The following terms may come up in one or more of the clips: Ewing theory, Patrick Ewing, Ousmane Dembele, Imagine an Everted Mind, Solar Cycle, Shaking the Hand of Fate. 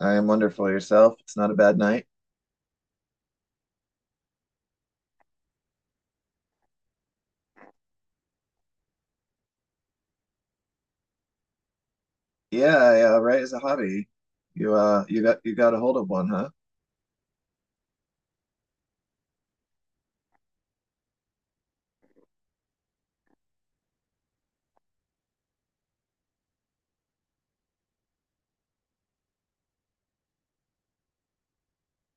I am wonderful yourself. It's not a bad night. Yeah, I, right as a hobby. You got a hold of one, huh?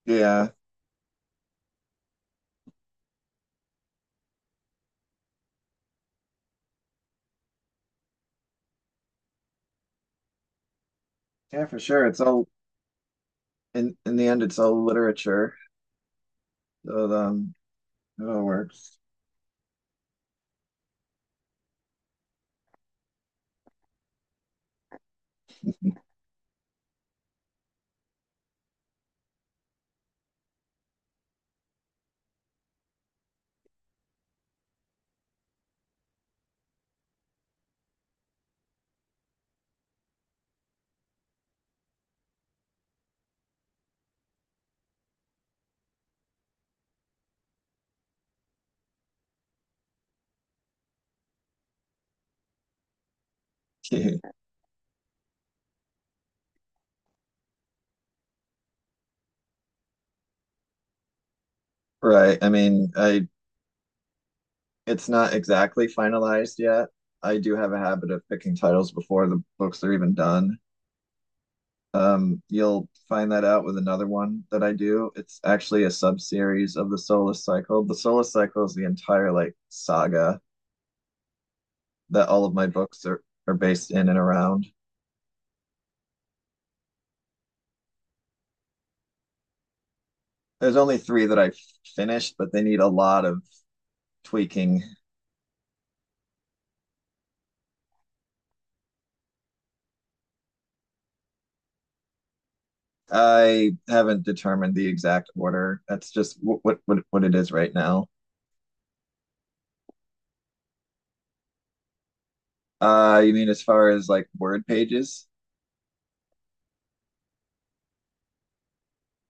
Yeah. Yeah, for sure. It's all in the end it's all literature. So it all works. Right. I mean, I it's not exactly finalized yet. I do have a habit of picking titles before the books are even done. You'll find that out with another one that I do. It's actually a sub-series of the Solar Cycle. The Solar Cycle is the entire like saga that all of my books are based in and around. There's only three that I finished, but they need a lot of tweaking. I haven't determined the exact order. That's just what it is right now. You mean as far as like Word pages?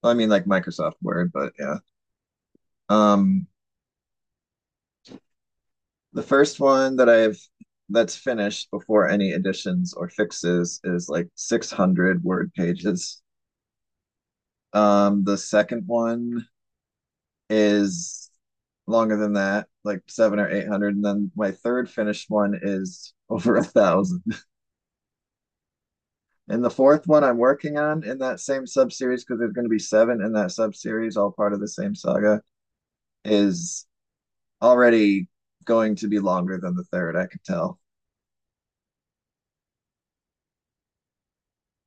Well, I mean like Microsoft Word, but yeah. Um, the first one that I've that's finished before any additions or fixes is like 600 word pages. The second one is longer than that, like seven or eight hundred. And then my third finished one is over a thousand. And the fourth one I'm working on in that same sub series, because there's going to be seven in that sub series, all part of the same saga, is already going to be longer than the third. I can tell.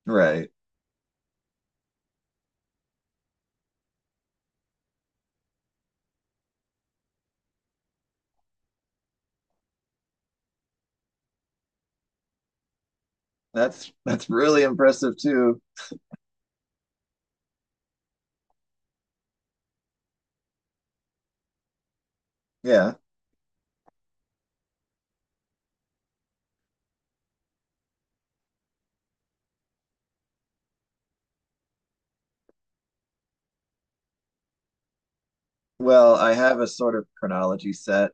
Right. That's really impressive too. Yeah. Well, I have a sort of chronology set,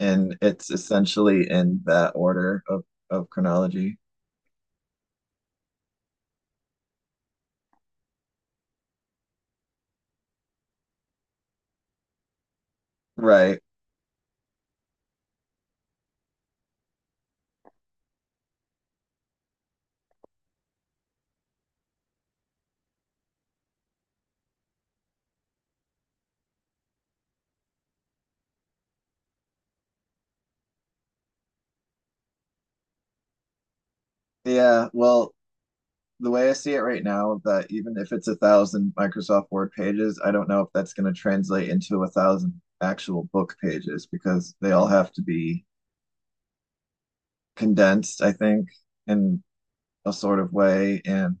and it's essentially in that order of chronology. Right. Yeah, well, the way I see it right now, that even if it's a thousand Microsoft Word pages, I don't know if that's going to translate into a thousand actual book pages because they all have to be condensed, I think, in a sort of way. And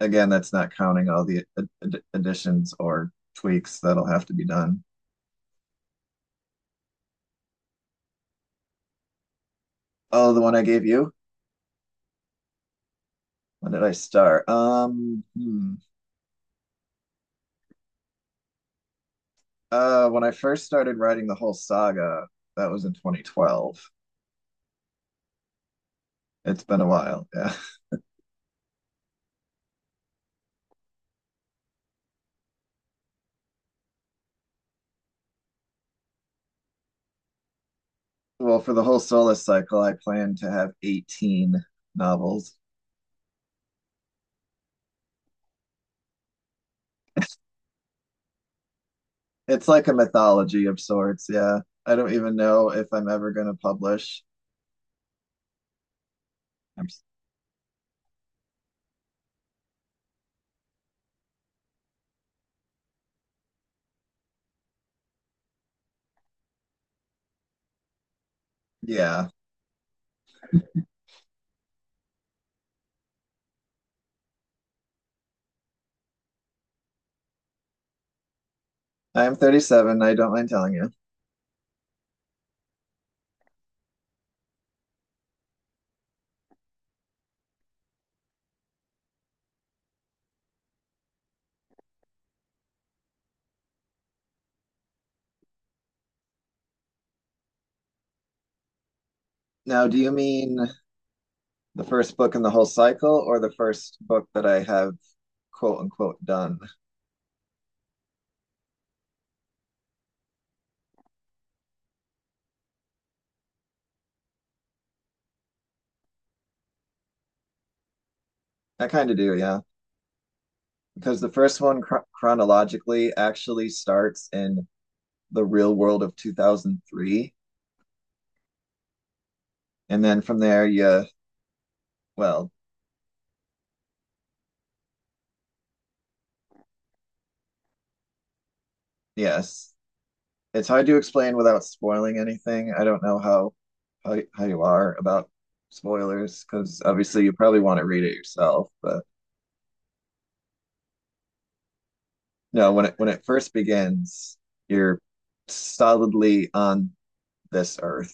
again, that's not counting all the additions or tweaks that'll have to be done. Oh, the one I gave you? When did I start? Hmm. When I first started writing the whole saga, that was in 2012. It's been a while. Yeah. Well, for the whole Solus cycle, I plan to have 18 novels. It's like a mythology of sorts. Yeah. I don't even know if I'm ever going to publish. I'm, s- yeah. I'm 37. I don't mind telling you. Now, do you mean the first book in the whole cycle or the first book that I have quote unquote done? I kind of do. Yeah. Because the first one chronologically actually starts in the real world of 2003. And then from there, well, yes, it's hard to explain without spoiling anything. I don't know how you are about spoilers because obviously you probably want to read it yourself. But no, when it first begins, you're solidly on this earth.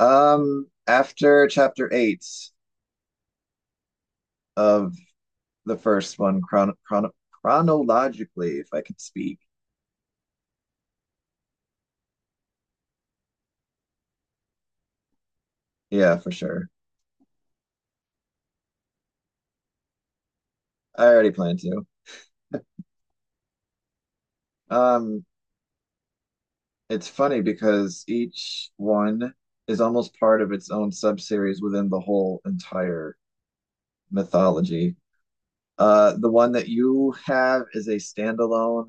After chapter eight of the first one, chronologically, if I could speak, yeah, for sure. I already planned to. Um, It's funny because each one is almost part of its own subseries within the whole entire mythology. The one that you have is a standalone,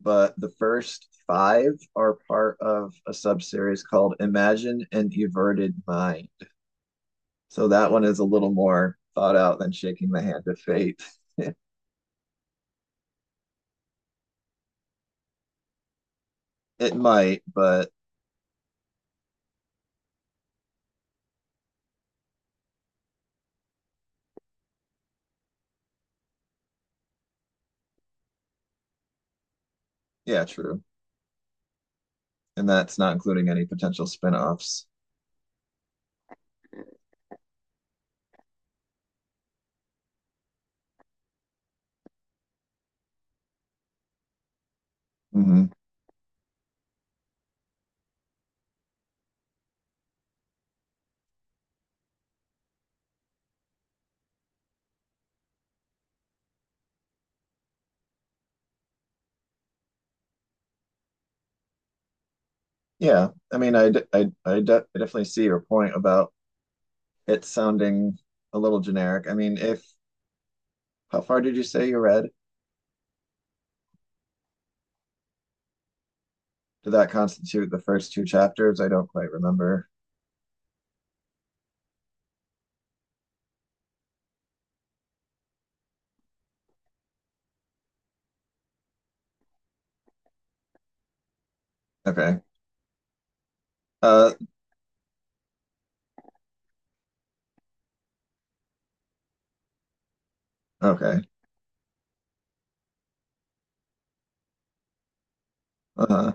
but the first five are part of a subseries called Imagine an Everted Mind. So that one is a little more thought out than Shaking the Hand of Fate. It might, but yeah, true. And that's not including any potential spin-offs. Mhm. Yeah, I mean, I, d- I de- I definitely see your point about it sounding a little generic. I mean, if how far did you say you read? Did that constitute the first two chapters? I don't quite remember. Okay. Uh, okay. Uh-huh.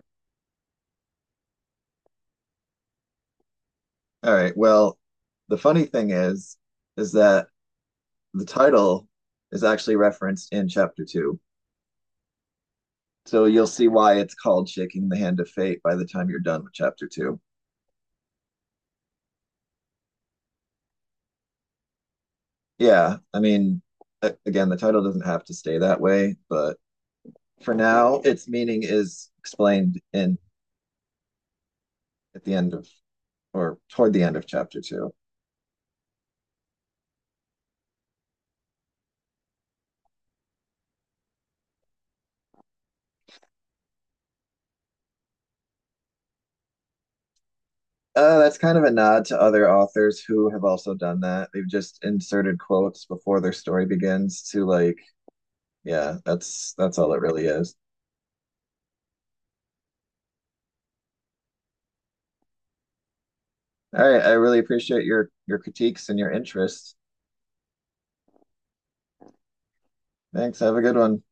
All right. Well, the funny thing is that the title is actually referenced in chapter two. So you'll see why it's called Shaking the Hand of Fate by the time you're done with chapter two. Yeah, I mean, again, the title doesn't have to stay that way, but for now, its meaning is explained in at the end of or toward the end of chapter two. That's kind of a nod to other authors who have also done that. They've just inserted quotes before their story begins to like, yeah, that's all it really is. All right, I really appreciate your critiques and your interest. Thanks. Have a good one.